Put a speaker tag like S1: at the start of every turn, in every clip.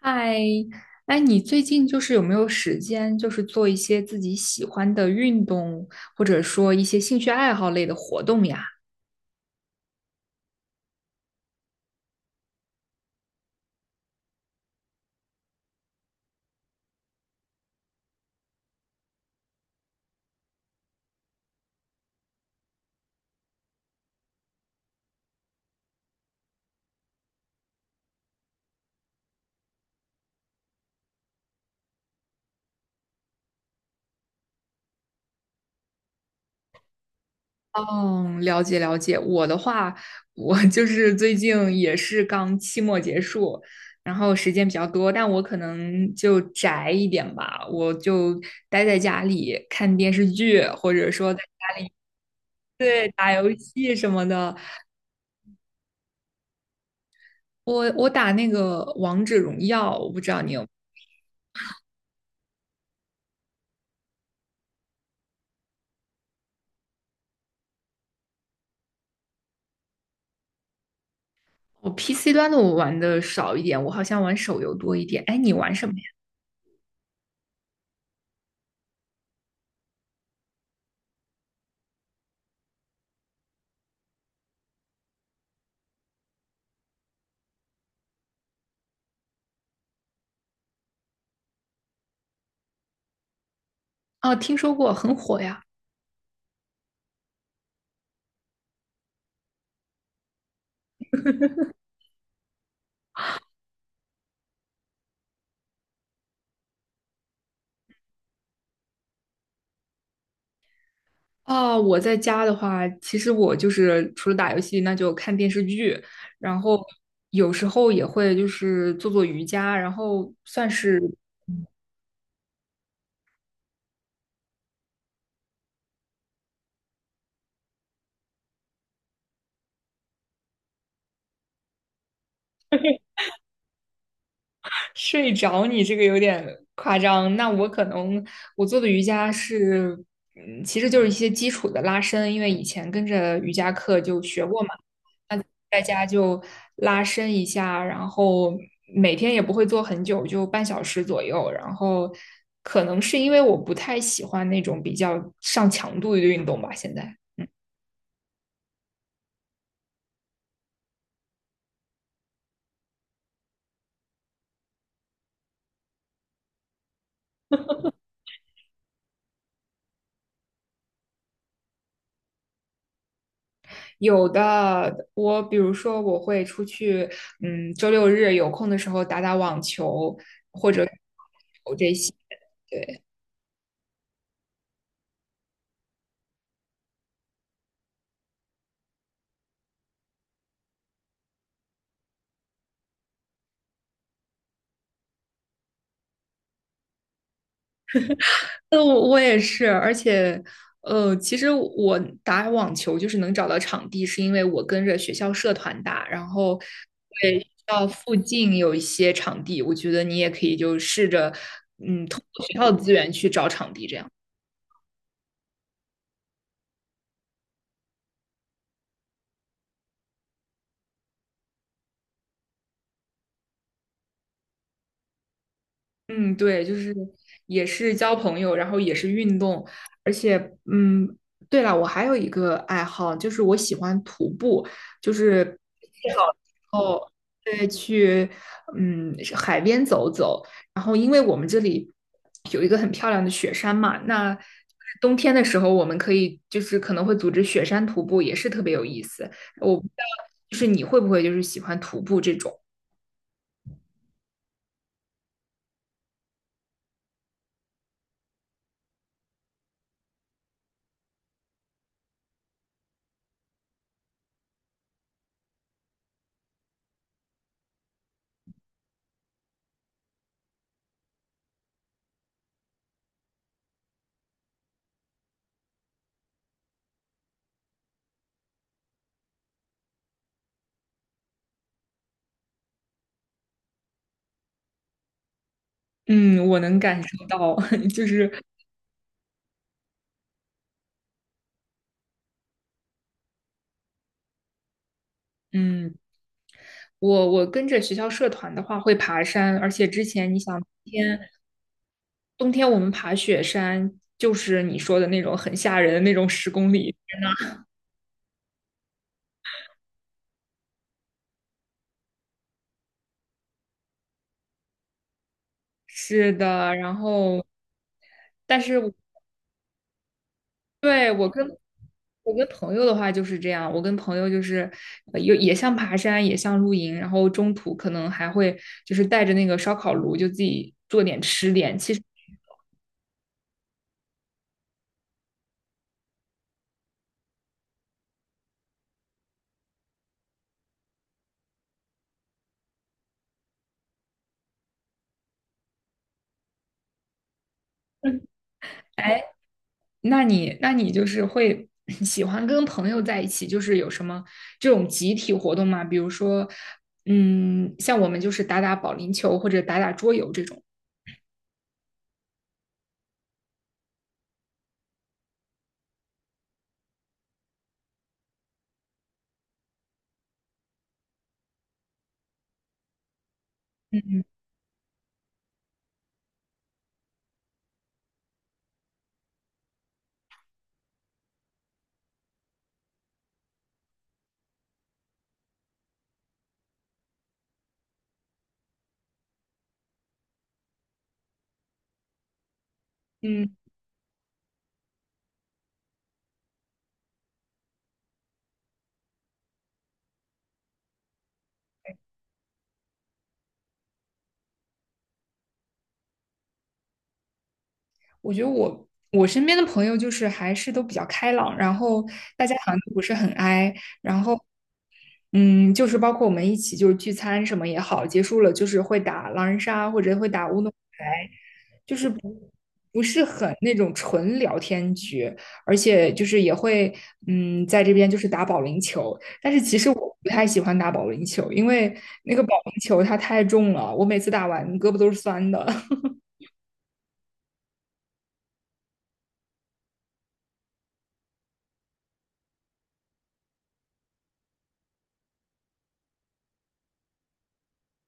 S1: 嗨，哎，你最近就是有没有时间，就是做一些自己喜欢的运动，或者说一些兴趣爱好类的活动呀？嗯，了解了解。我的话，我 就是最近也是刚期末结束，然后时间比较多，但我可能就宅一点吧，我就待在家里看电视剧，或者说 在对打游戏什么的。我打那个王者荣耀，我不知道你有。我 PC 端的我玩的少一点，我好像玩手游多一点。哎，你玩什么呀？啊，听说过，很火呀。哦，我在家的话，其实我就是除了打游戏，那就看电视剧，然后有时候也会就是做做瑜伽，然后算是。睡着你这个有点夸张。那我可能我做的瑜伽是，其实就是一些基础的拉伸，因为以前跟着瑜伽课就学过嘛。那在家就拉伸一下，然后每天也不会做很久，就半小时左右。然后可能是因为我不太喜欢那种比较上强度的运动吧，现在。嗯。有的，我比如说我会出去，周六日有空的时候打打网球或者这些，对。那我也是，而且，其实我打网球就是能找到场地，是因为我跟着学校社团打，然后对学校附近有一些场地，我觉得你也可以就试着，通过学校的资源去找场地这样。嗯，对，就是也是交朋友，然后也是运动，而且嗯，对了，我还有一个爱好，就是我喜欢徒步，就是天气好的时候，对，去海边走走，然后因为我们这里有一个很漂亮的雪山嘛，那冬天的时候我们可以就是可能会组织雪山徒步，也是特别有意思。我不知道，就是你会不会就是喜欢徒步这种？嗯，我能感受到，就是。嗯，我跟着学校社团的话会爬山，而且之前你想，冬天我们爬雪山，就是你说的那种很吓人的那种10公里。是的，然后但是我对我跟朋友的话就是这样，我跟朋友就是又也像爬山，也像露营，然后中途可能还会就是带着那个烧烤炉，就自己做点吃点。其实 那你就是会 喜欢跟朋友在一起，就是有什么这种集体活动吗？比如说，像我们就是打打保龄球或者打打桌游这种。嗯，我觉得我身边的朋友就是还是都比较开朗，然后大家好像都不是很 i，嗯，就是包括我们一起就是聚餐什么也好，结束了就是会打狼人杀或者会打乌龙牌，就是不是很那种纯聊天局，而且就是也会在这边就是打保龄球，但是其实我不太喜欢打保龄球，因为那个保龄球它太重了，我每次打完胳膊都是酸的。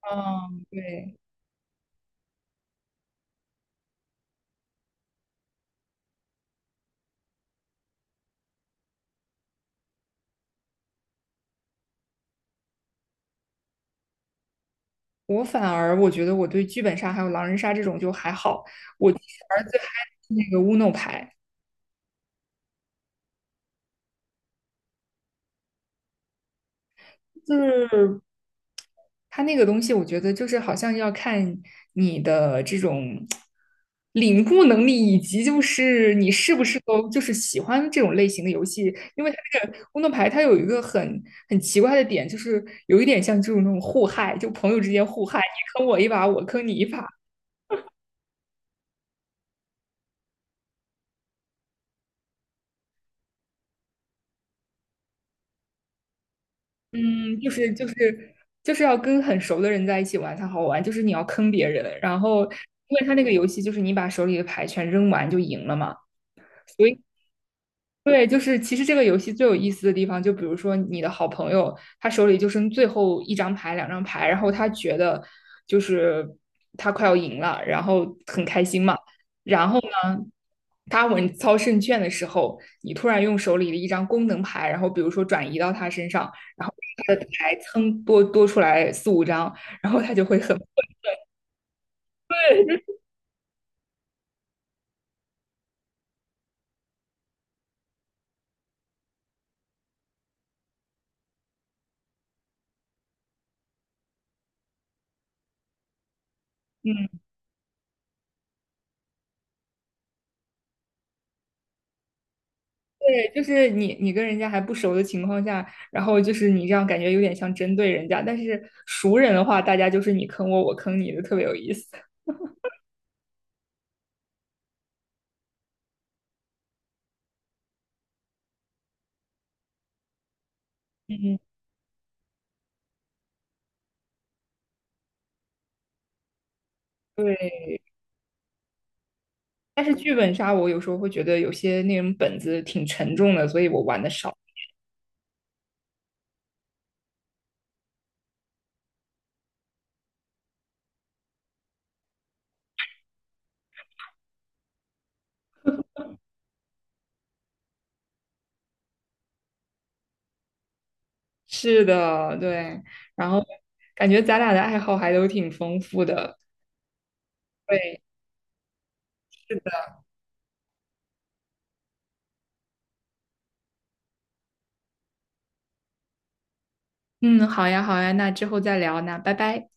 S1: 嗯，对。我反而我觉得我对剧本杀还有狼人杀这种就还好，我其实而最嗨的是那个乌诺牌，就是它那个东西，我觉得就是好像要看你的这种领悟能力，以及就是你是不是都就是喜欢这种类型的游戏。因为它这个工作牌，它有一个很奇怪的点，就是有一点像这种那种互害，就朋友之间互害，你坑我一把，我坑你一把。嗯，就是就是就是要跟很熟的人在一起玩才好玩，就是你要坑别人，然后因为他那个游戏就是你把手里的牌全扔完就赢了嘛。所以。对，就是其实这个游戏最有意思的地方，就比如说你的好朋友，他手里就剩最后一张牌、两张牌，然后他觉得就是他快要赢了，然后很开心嘛。然后呢，他稳操胜券的时候，你突然用手里的一张功能牌，然后比如说转移到他身上，然后他的牌蹭多多出来四五张，然后他就会很对，就是你跟人家还不熟的情况下，然后就是你这样感觉有点像针对人家，但是熟人的话，大家就是你坑我，我坑你的，特别有意思。嗯，对，但是剧本杀我有时候会觉得有些那种本子挺沉重的，所以我玩的少。是的，对，然后感觉咱俩的爱好还都挺丰富的。对，嗯，好呀，好呀，那之后再聊，那拜拜。